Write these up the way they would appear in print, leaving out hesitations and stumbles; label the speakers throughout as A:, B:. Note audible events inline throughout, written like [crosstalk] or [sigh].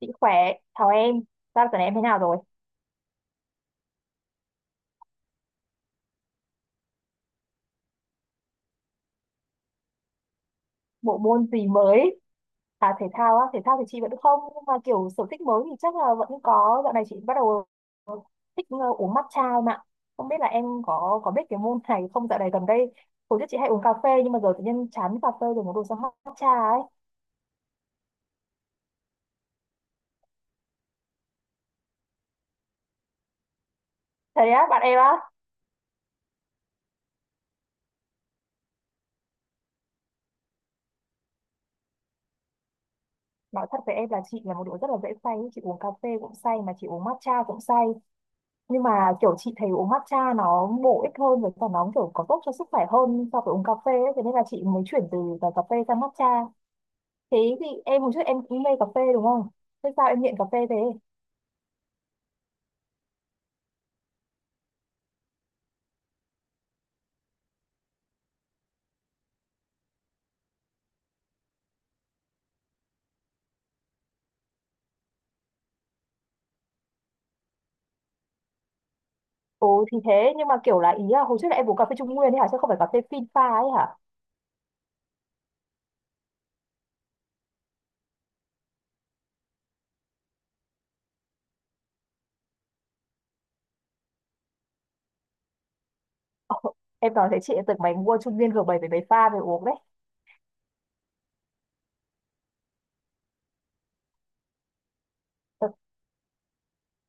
A: Chị khỏe, chào em. Sao tuần này em thế nào rồi? Bộ môn gì mới? À thể thao á, thể thao thì chị vẫn không, nhưng mà kiểu sở thích mới thì chắc là vẫn có. Dạo này chị bắt đầu thích uống matcha em ạ. Không biết là em có biết cái môn này không? Dạo này gần đây, hồi trước chị hay uống cà phê nhưng mà giờ tự nhiên chán cà phê rồi muốn đổi sang matcha ấy. Thế á, bạn em á. Nói thật với em là chị là một đứa rất là dễ say, chị uống cà phê cũng say mà chị uống matcha cũng say. Nhưng mà kiểu chị thấy uống matcha nó bổ ích hơn với cả nó kiểu có tốt cho sức khỏe hơn so với uống cà phê ấy. Thế nên là chị mới chuyển từ cả cà phê sang matcha. Thế thì em hồi trước em cũng mê cà phê đúng không? Thế sao em nghiện cà phê thế? Ồ thì thế, nhưng mà kiểu là ý là hồi trước là em uống cà phê Trung Nguyên ấy hả, chứ không phải cà phê phin pha ấy hả? [laughs] Ồ, em nói thế chị lại tưởng mày mua Trung Nguyên G7 với mấy pha về uống đấy.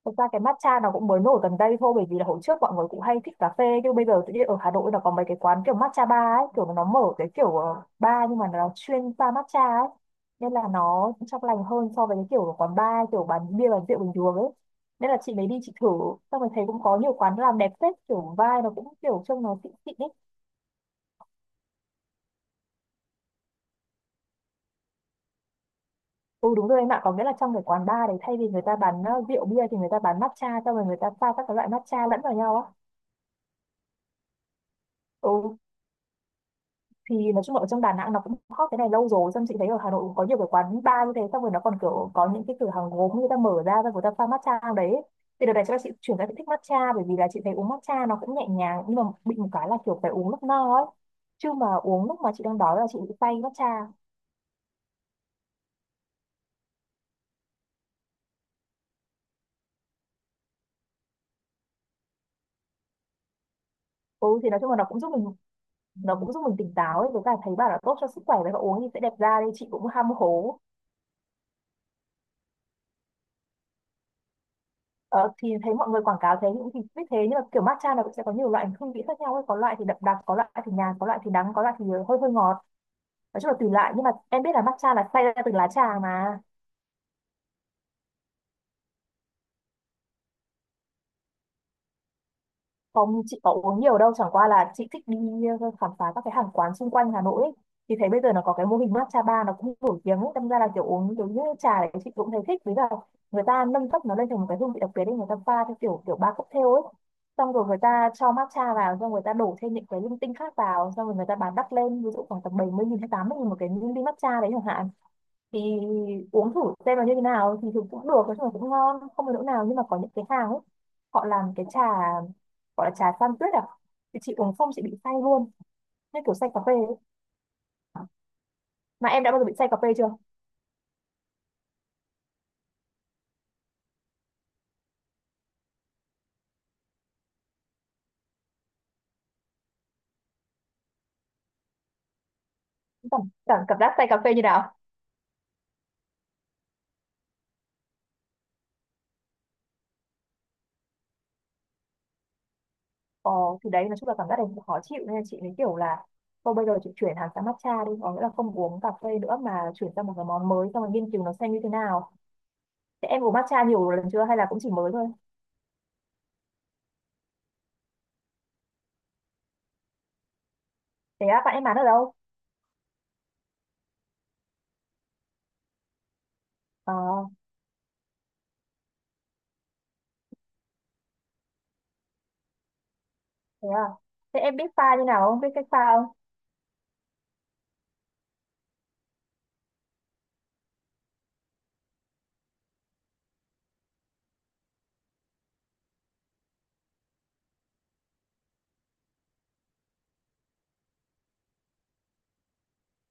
A: Thực ra cái matcha nó cũng mới nổi gần đây thôi, bởi vì là hồi trước mọi người cũng hay thích cà phê, nhưng bây giờ tự nhiên ở Hà Nội là có mấy cái quán kiểu matcha bar ấy, kiểu nó mở cái kiểu bar nhưng mà nó chuyên pha matcha ấy, nên là nó cũng trong lành hơn so với cái kiểu quán bar kiểu bán bia bán rượu bình thường ấy. Nên là chị mới đi chị thử, xong rồi thấy cũng có nhiều quán làm đẹp phết, kiểu vibe nó cũng kiểu trông nó xịn xịn ấy. Ừ đúng rồi em ạ, có nghĩa là trong cái quán bar đấy thay vì người ta bán rượu bia thì người ta bán matcha, xong rồi người ta pha các cái loại matcha lẫn vào nhau á. Ừ thì nói chung là ở trong Đà Nẵng nó cũng hot cái này lâu rồi, xong chị thấy ở Hà Nội cũng có nhiều cái quán bar như thế, xong rồi nó còn kiểu có những cái cửa hàng gốm người ta mở ra và người ta pha matcha trong đấy. Thì đợt này chắc là chị chuyển sang chị thích matcha, bởi vì là chị thấy uống matcha nó cũng nhẹ nhàng, nhưng mà bị một cái là kiểu phải uống lúc no ấy, chứ mà uống lúc mà chị đang đói là chị bị say matcha. Ừ thì nói chung là nó cũng giúp mình tỉnh táo ấy, với cả thấy bảo là tốt cho sức khỏe và uống thì sẽ đẹp da, đi chị cũng ham hố. Ờ, thì thấy mọi người quảng cáo thế những thì biết thế, nhưng mà kiểu matcha nó cũng sẽ có nhiều loại hương vị khác nhau ấy. Có loại thì đậm đặc, có loại thì nhạt, có loại thì đắng, có loại thì hơi hơi ngọt. Nói chung là tùy loại, nhưng mà em biết là matcha là xay ra từ lá trà mà. Không, chị có uống nhiều đâu, chẳng qua là chị thích đi khám phá các cái hàng quán xung quanh Hà Nội ấy. Thì thấy bây giờ nó có cái mô hình matcha bar nó cũng nổi tiếng ấy, đâm ra là kiểu uống kiểu như trà đấy chị cũng thấy thích. Với cả người ta nâng cấp nó lên thành một cái hương vị đặc biệt ấy, người ta pha theo kiểu kiểu ba cocktail ấy. Xong rồi người ta cho matcha vào, xong người ta đổ thêm những cái linh tinh khác vào, xong rồi người ta bán đắt lên, ví dụ khoảng tầm 70.000 hay 80.000 một cái ly matcha đấy chẳng hạn. Thì uống thử xem là như thế nào, thì thường cũng được, nói chung là cũng ngon không có chỗ nào, nhưng mà có những cái hàng ấy họ làm cái trà gọi là trà san tuyết à, thì chị uống xong chị bị say luôn, như kiểu say cà phê ấy. Mà em đã bao giờ bị say cà phê chưa? Cảm giác say cà phê như nào? Ờ thì đấy, nói chung là cảm giác này cũng khó chịu, nên là chị mới kiểu là thôi bây giờ chị chuyển hẳn sang matcha đi, có nghĩa là không uống cà phê nữa mà chuyển sang một cái món mới xong rồi nghiên cứu nó xem như thế nào. Thế em uống matcha nhiều lần chưa hay là cũng chỉ mới thôi? Thế á, bạn em bán ở đâu? Ờ. Thế à? Thế em biết pha như nào không? Biết cách pha không?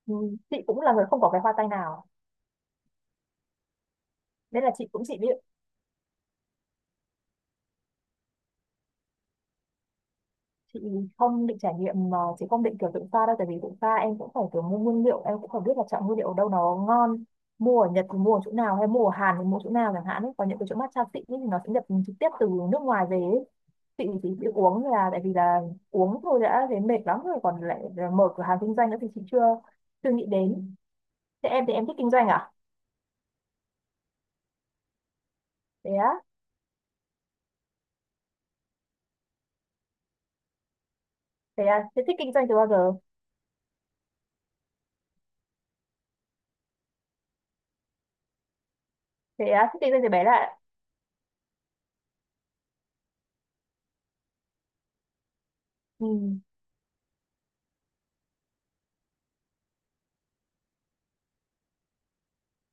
A: Ừ, chị cũng là người không có cái hoa tay nào. Nên là chị cũng chỉ biết, chị không định trải nghiệm mà chị không định kiểu tự pha đâu. Tại vì tự pha em cũng phải kiểu mua nguyên liệu, em cũng phải biết là chọn nguyên liệu ở đâu nó ngon. Mua ở Nhật thì mua ở chỗ nào, hay mua ở Hàn thì mua chỗ nào chẳng hạn ấy. Còn những cái chỗ matcha xịn ấy thì nó sẽ nhập trực tiếp từ nước ngoài về ấy. Chị chỉ biết uống là tại vì là uống thôi đã thấy mệt lắm rồi. Còn lại là mở cửa hàng kinh doanh nữa thì chị chưa chưa nghĩ đến. Thế em thì em thích kinh doanh à? Thế á, thế à, thế thích kinh doanh từ bao giờ? Thế à, thích kinh doanh từ bé là ừ.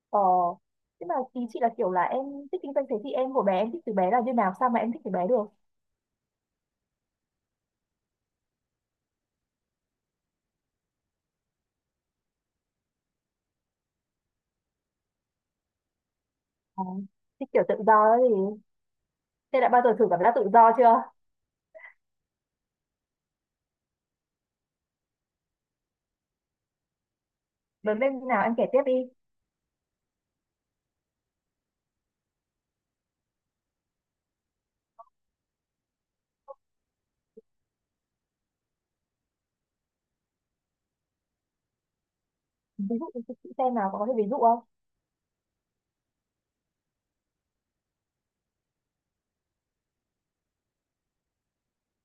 A: ờ Thế mà ý chị là kiểu là em thích kinh doanh, thế thì em hồi bé em thích từ bé là như nào, sao mà em thích từ bé được? Ờ, thích kiểu tự do ấy thì thế đã bao giờ thử cảm giác tự do chưa? Lớn lên như nào em kể tiếp đi. Ví dụ cho chị xem nào, có thể ví dụ không?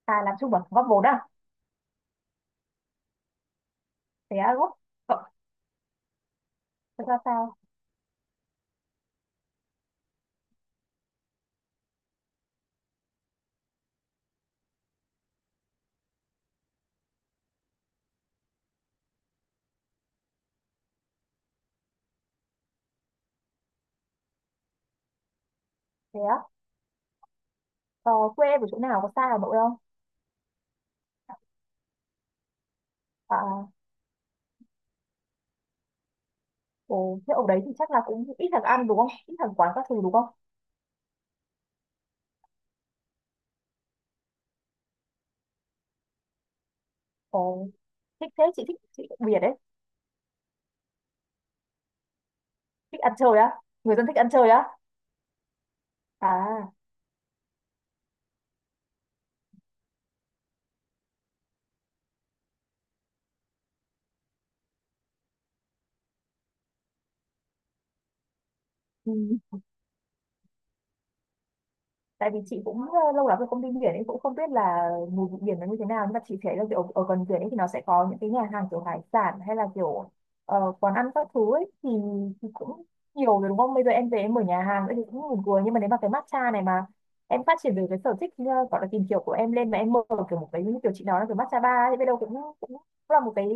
A: À làm chung bằng góp vốn à? Thế á, góp ờ, thật ra sao? Thế à, ờ, quê em ở chỗ nào, có xa Hà Nội không? À. Ồ thế ở đấy thì chắc là cũng ít thằng ăn đúng không, ít thằng quán các thứ đúng không? Ồ thích thế, chị thích, chị đặc biệt đấy. Thích ăn chơi á? Người dân thích ăn chơi á? À. Ừ. Tại vì chị cũng lâu lắm rồi không đi biển nên cũng không biết là mùi vị biển nó như thế nào, nhưng mà chị thấy là kiểu ở gần biển ấy thì nó sẽ có những cái nhà hàng kiểu hải sản hay là kiểu quán ăn các thứ ấy thì cũng nhiều rồi đúng không, bây giờ em về em mở nhà hàng nữa thì cũng buồn cười, nhưng mà nếu mà cái matcha này mà em phát triển được cái sở thích gọi là tìm hiểu của em lên mà em mở kiểu một cái như kiểu chị nói là kiểu matcha bar ấy, biết đâu cũng cũng là một cái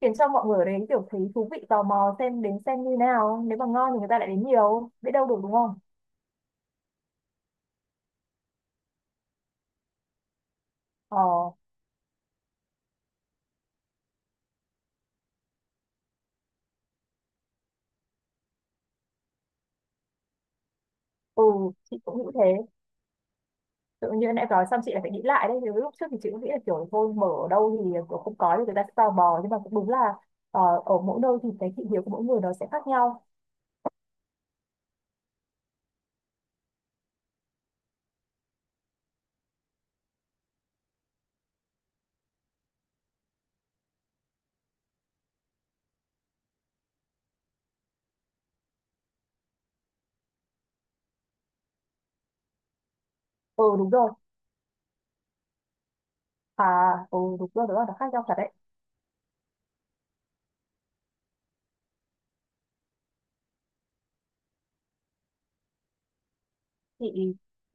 A: khiến cho mọi người ở đấy kiểu thấy thú vị tò mò xem đến xem như nào, nếu mà ngon thì người ta lại đến nhiều, biết đâu được đúng không? Ờ. Ừ, chị cũng nghĩ thế. Tự nhiên nãy nói xong chị lại phải nghĩ lại đấy. Nếu lúc trước thì chị cũng nghĩ là kiểu thôi mở ở đâu thì kiểu không có thì người ta sẽ tò mò. Nhưng mà cũng đúng là ở mỗi nơi thì cái thị hiếu của mỗi người nó sẽ khác nhau. Ừ đúng rồi. À, ừ đúng rồi, nó khác nhau thật đấy. Chị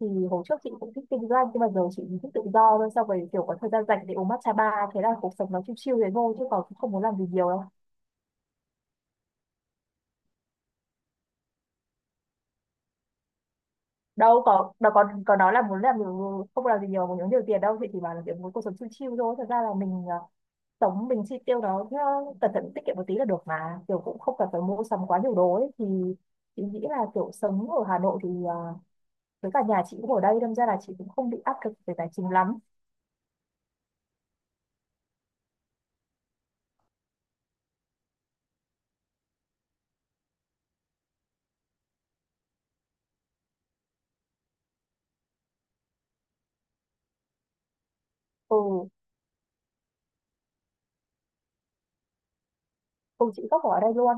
A: thì hồi trước chị cũng thích kinh doanh, nhưng mà giờ chị thích tự do thôi. Sau rồi kiểu có thời gian rảnh để uống matcha bar. Thế là cuộc sống nó chill chill thế thôi, chứ còn cũng không muốn làm gì nhiều đâu. Đâu có nói là muốn không làm gì nhiều, muốn kiếm nhiều tiền đâu. Chị chỉ bảo là kiểu muốn cuộc sống chill chill thôi. Thật ra là mình tổng mình chi tiêu đó nó cẩn thận tiết kiệm một tí là được, mà kiểu cũng không cần phải mua sắm quá nhiều đồ ấy, thì chị nghĩ là kiểu sống ở Hà Nội thì với cả nhà chị cũng ở đây, đâm ra là chị cũng không bị áp lực về tài chính lắm. Ừ. Ừ chị gốc ở đây luôn.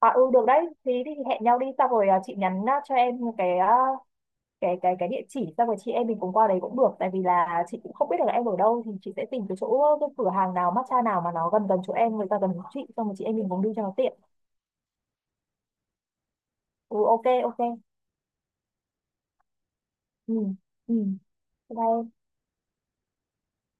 A: À ừ được đấy thì, đi thì hẹn nhau đi xong rồi chị nhắn cho em cái cái địa chỉ, xong rồi chị em mình cùng qua đấy cũng được, tại vì là chị cũng không biết được là em ở đâu, thì chị sẽ tìm cái chỗ cái cửa hàng nào matcha nào mà nó gần gần chỗ em, người ta gần chỗ chị, xong rồi chị em mình cùng đi cho nó tiện. Ừ, ok ok. Ừ. Ừ. Đây.